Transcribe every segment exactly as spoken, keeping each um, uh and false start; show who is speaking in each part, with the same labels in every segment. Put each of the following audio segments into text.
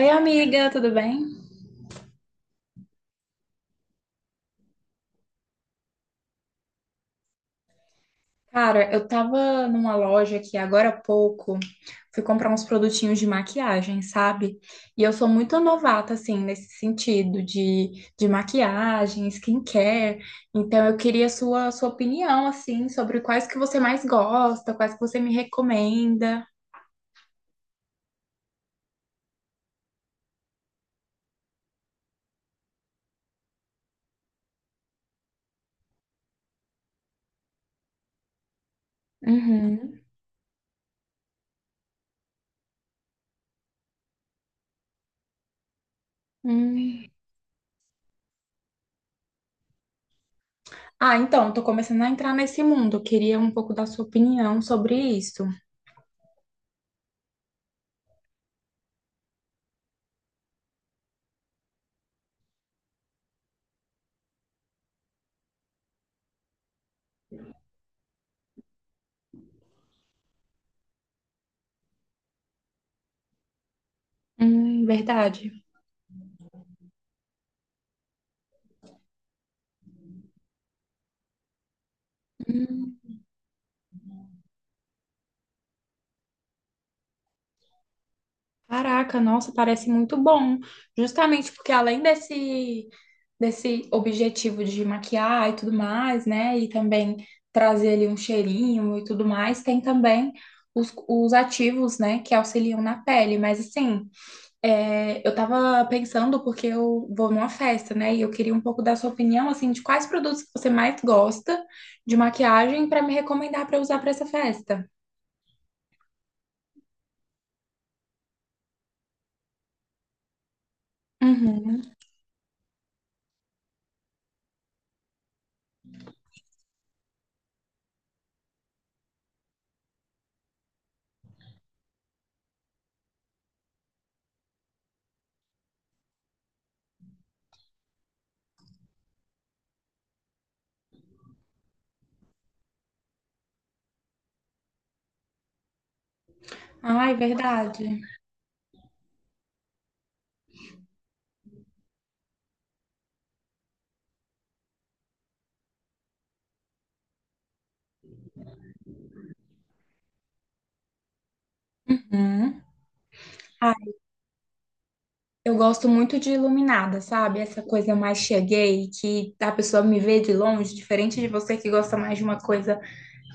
Speaker 1: Oi, amiga, tudo bem? Cara, eu tava numa loja aqui agora há pouco, fui comprar uns produtinhos de maquiagem, sabe? E eu sou muito novata, assim, nesse sentido de, de maquiagem, skincare. Então, eu queria sua, sua opinião, assim, sobre quais que você mais gosta, quais que você me recomenda. Uhum. Hum. Ah, então, tô começando a entrar nesse mundo. Eu queria um pouco da sua opinião sobre isso. Hum, verdade. Caraca, nossa, parece muito bom. Justamente porque além desse, desse objetivo de maquiar e tudo mais, né? E também trazer ali um cheirinho e tudo mais, tem também os, os ativos, né, que auxiliam na pele. Mas assim, é, eu tava pensando porque eu vou numa festa, né? E eu queria um pouco da sua opinião, assim, de quais produtos que você mais gosta de maquiagem para me recomendar para usar para essa festa. Uhum. Ai, verdade. Uhum. Eu gosto muito de iluminada, sabe? Essa coisa mais cheguei, que a pessoa me vê de longe, diferente de você que gosta mais de uma coisa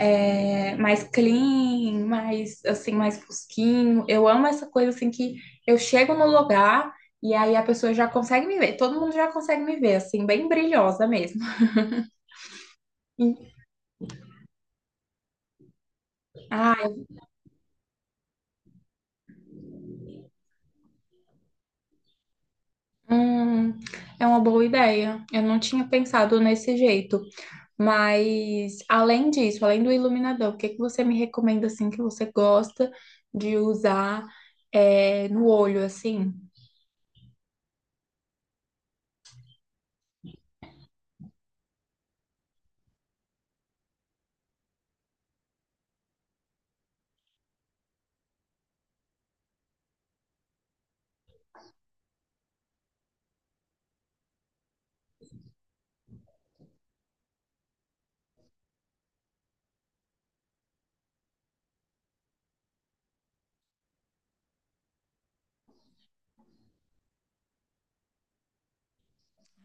Speaker 1: é, mais clean, mais assim, mais fosquinho. Eu amo essa coisa assim que eu chego no lugar e aí a pessoa já consegue me ver. Todo mundo já consegue me ver, assim, bem brilhosa mesmo. Ah, hum, é uma boa ideia. Eu não tinha pensado nesse jeito. Mas além disso, além do iluminador, o que que você me recomenda assim que você gosta de usar é, no olho assim?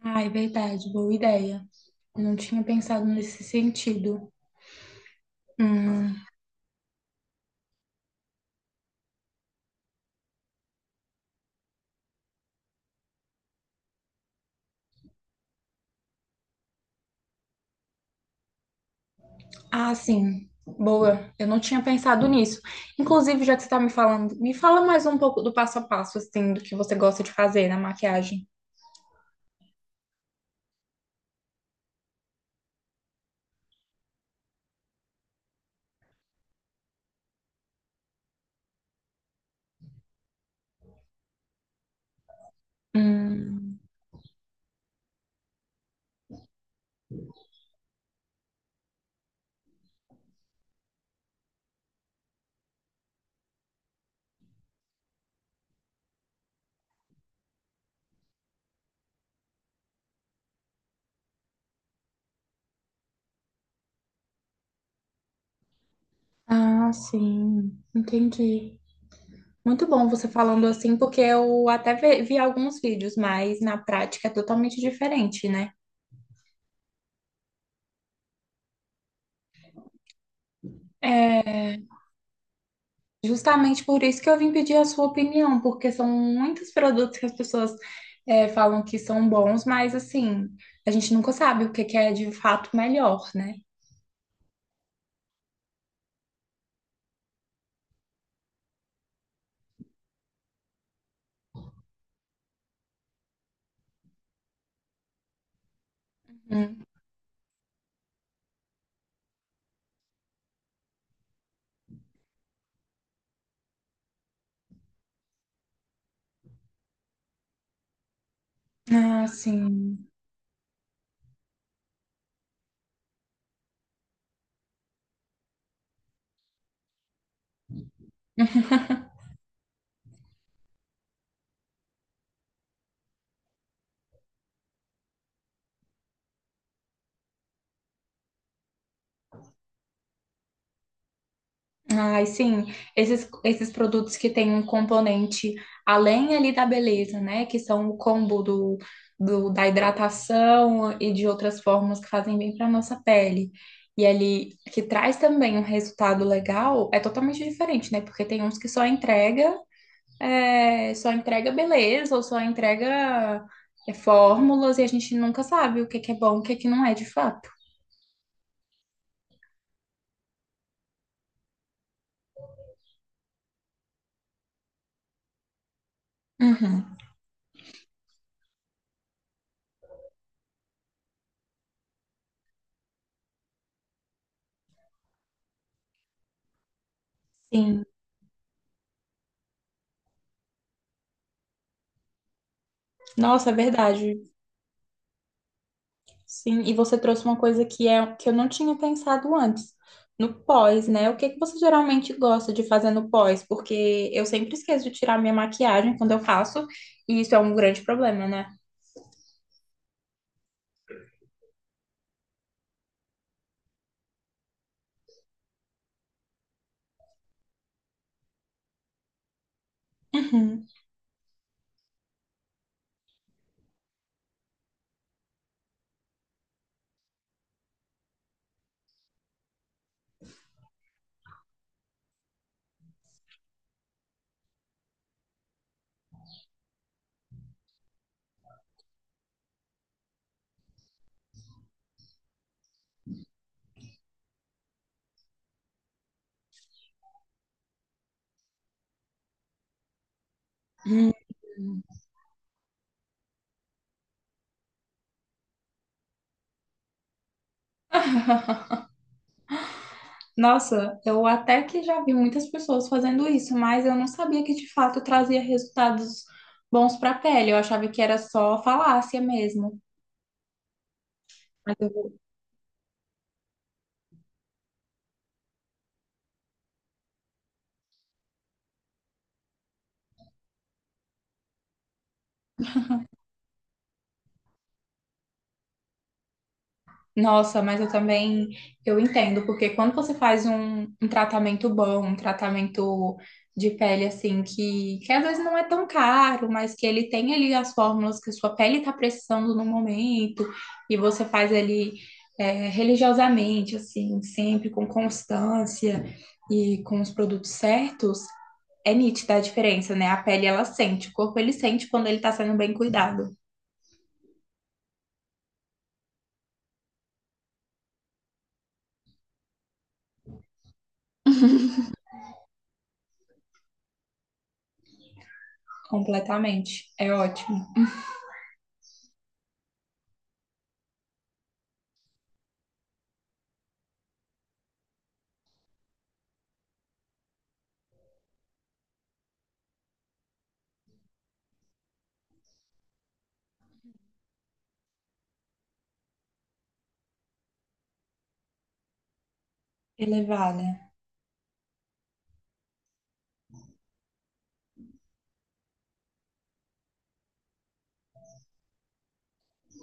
Speaker 1: Ah, é verdade, boa ideia. Não tinha pensado nesse sentido. Hum. Ah, sim. Boa, eu não tinha pensado nisso. Inclusive, já que você está me falando, me fala mais um pouco do passo a passo, assim, do que você gosta de fazer na maquiagem. Hum. Ah, sim, entendi. Muito bom você falando assim, porque eu até ve- vi alguns vídeos, mas na prática é totalmente diferente, né? É justamente por isso que eu vim pedir a sua opinião, porque são muitos produtos que as pessoas é, falam que são bons, mas assim, a gente nunca sabe o que que é de fato melhor, né? Hum. Ah, sim. Ai, sim, esses, esses produtos que têm um componente além ali da beleza, né? Que são o combo do, do- da hidratação e de outras formas que fazem bem para nossa pele. E ali que traz também um resultado legal, é totalmente diferente, né? Porque tem uns que só entrega, é, só entrega beleza ou só entrega é, fórmulas e a gente nunca sabe o que que é bom, o que que não é de fato. Uhum. Sim, nossa, é verdade. Sim, e você trouxe uma coisa que é que eu não tinha pensado antes. No pós, né? O que que você geralmente gosta de fazer no pós? Porque eu sempre esqueço de tirar minha maquiagem quando eu faço, e isso é um grande problema, né? Uhum. Hum. Nossa, eu até que já vi muitas pessoas fazendo isso, mas eu não sabia que de fato trazia resultados bons para a pele. Eu achava que era só falácia mesmo. Nossa, mas eu também eu entendo, porque quando você faz um, um tratamento bom, um tratamento de pele assim, que, que às vezes não é tão caro, mas que ele tem ali as fórmulas que sua pele está precisando no momento, e você faz ali é, religiosamente, assim, sempre com constância e com os produtos certos, é nítida a diferença, né? A pele ela sente, o corpo ele sente quando ele está sendo bem cuidado, completamente. É ótimo. Elevada.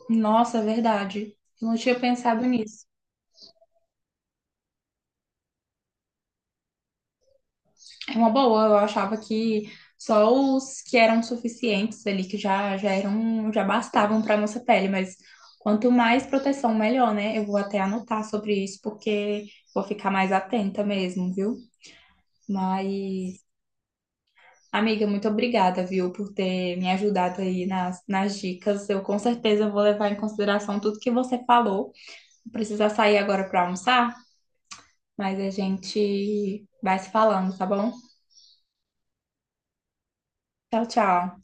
Speaker 1: Nossa, é verdade. Eu não tinha pensado nisso. É uma boa, eu achava que só os que eram suficientes ali, que já, já eram, já bastavam para nossa pele, mas quanto mais proteção, melhor, né? Eu vou até anotar sobre isso, porque vou ficar mais atenta mesmo, viu? Mas, amiga, muito obrigada, viu, por ter me ajudado aí nas, nas dicas. Eu com certeza vou levar em consideração tudo que você falou. Precisa sair agora para almoçar, mas a gente vai se falando, tá bom? Tchau, tchau.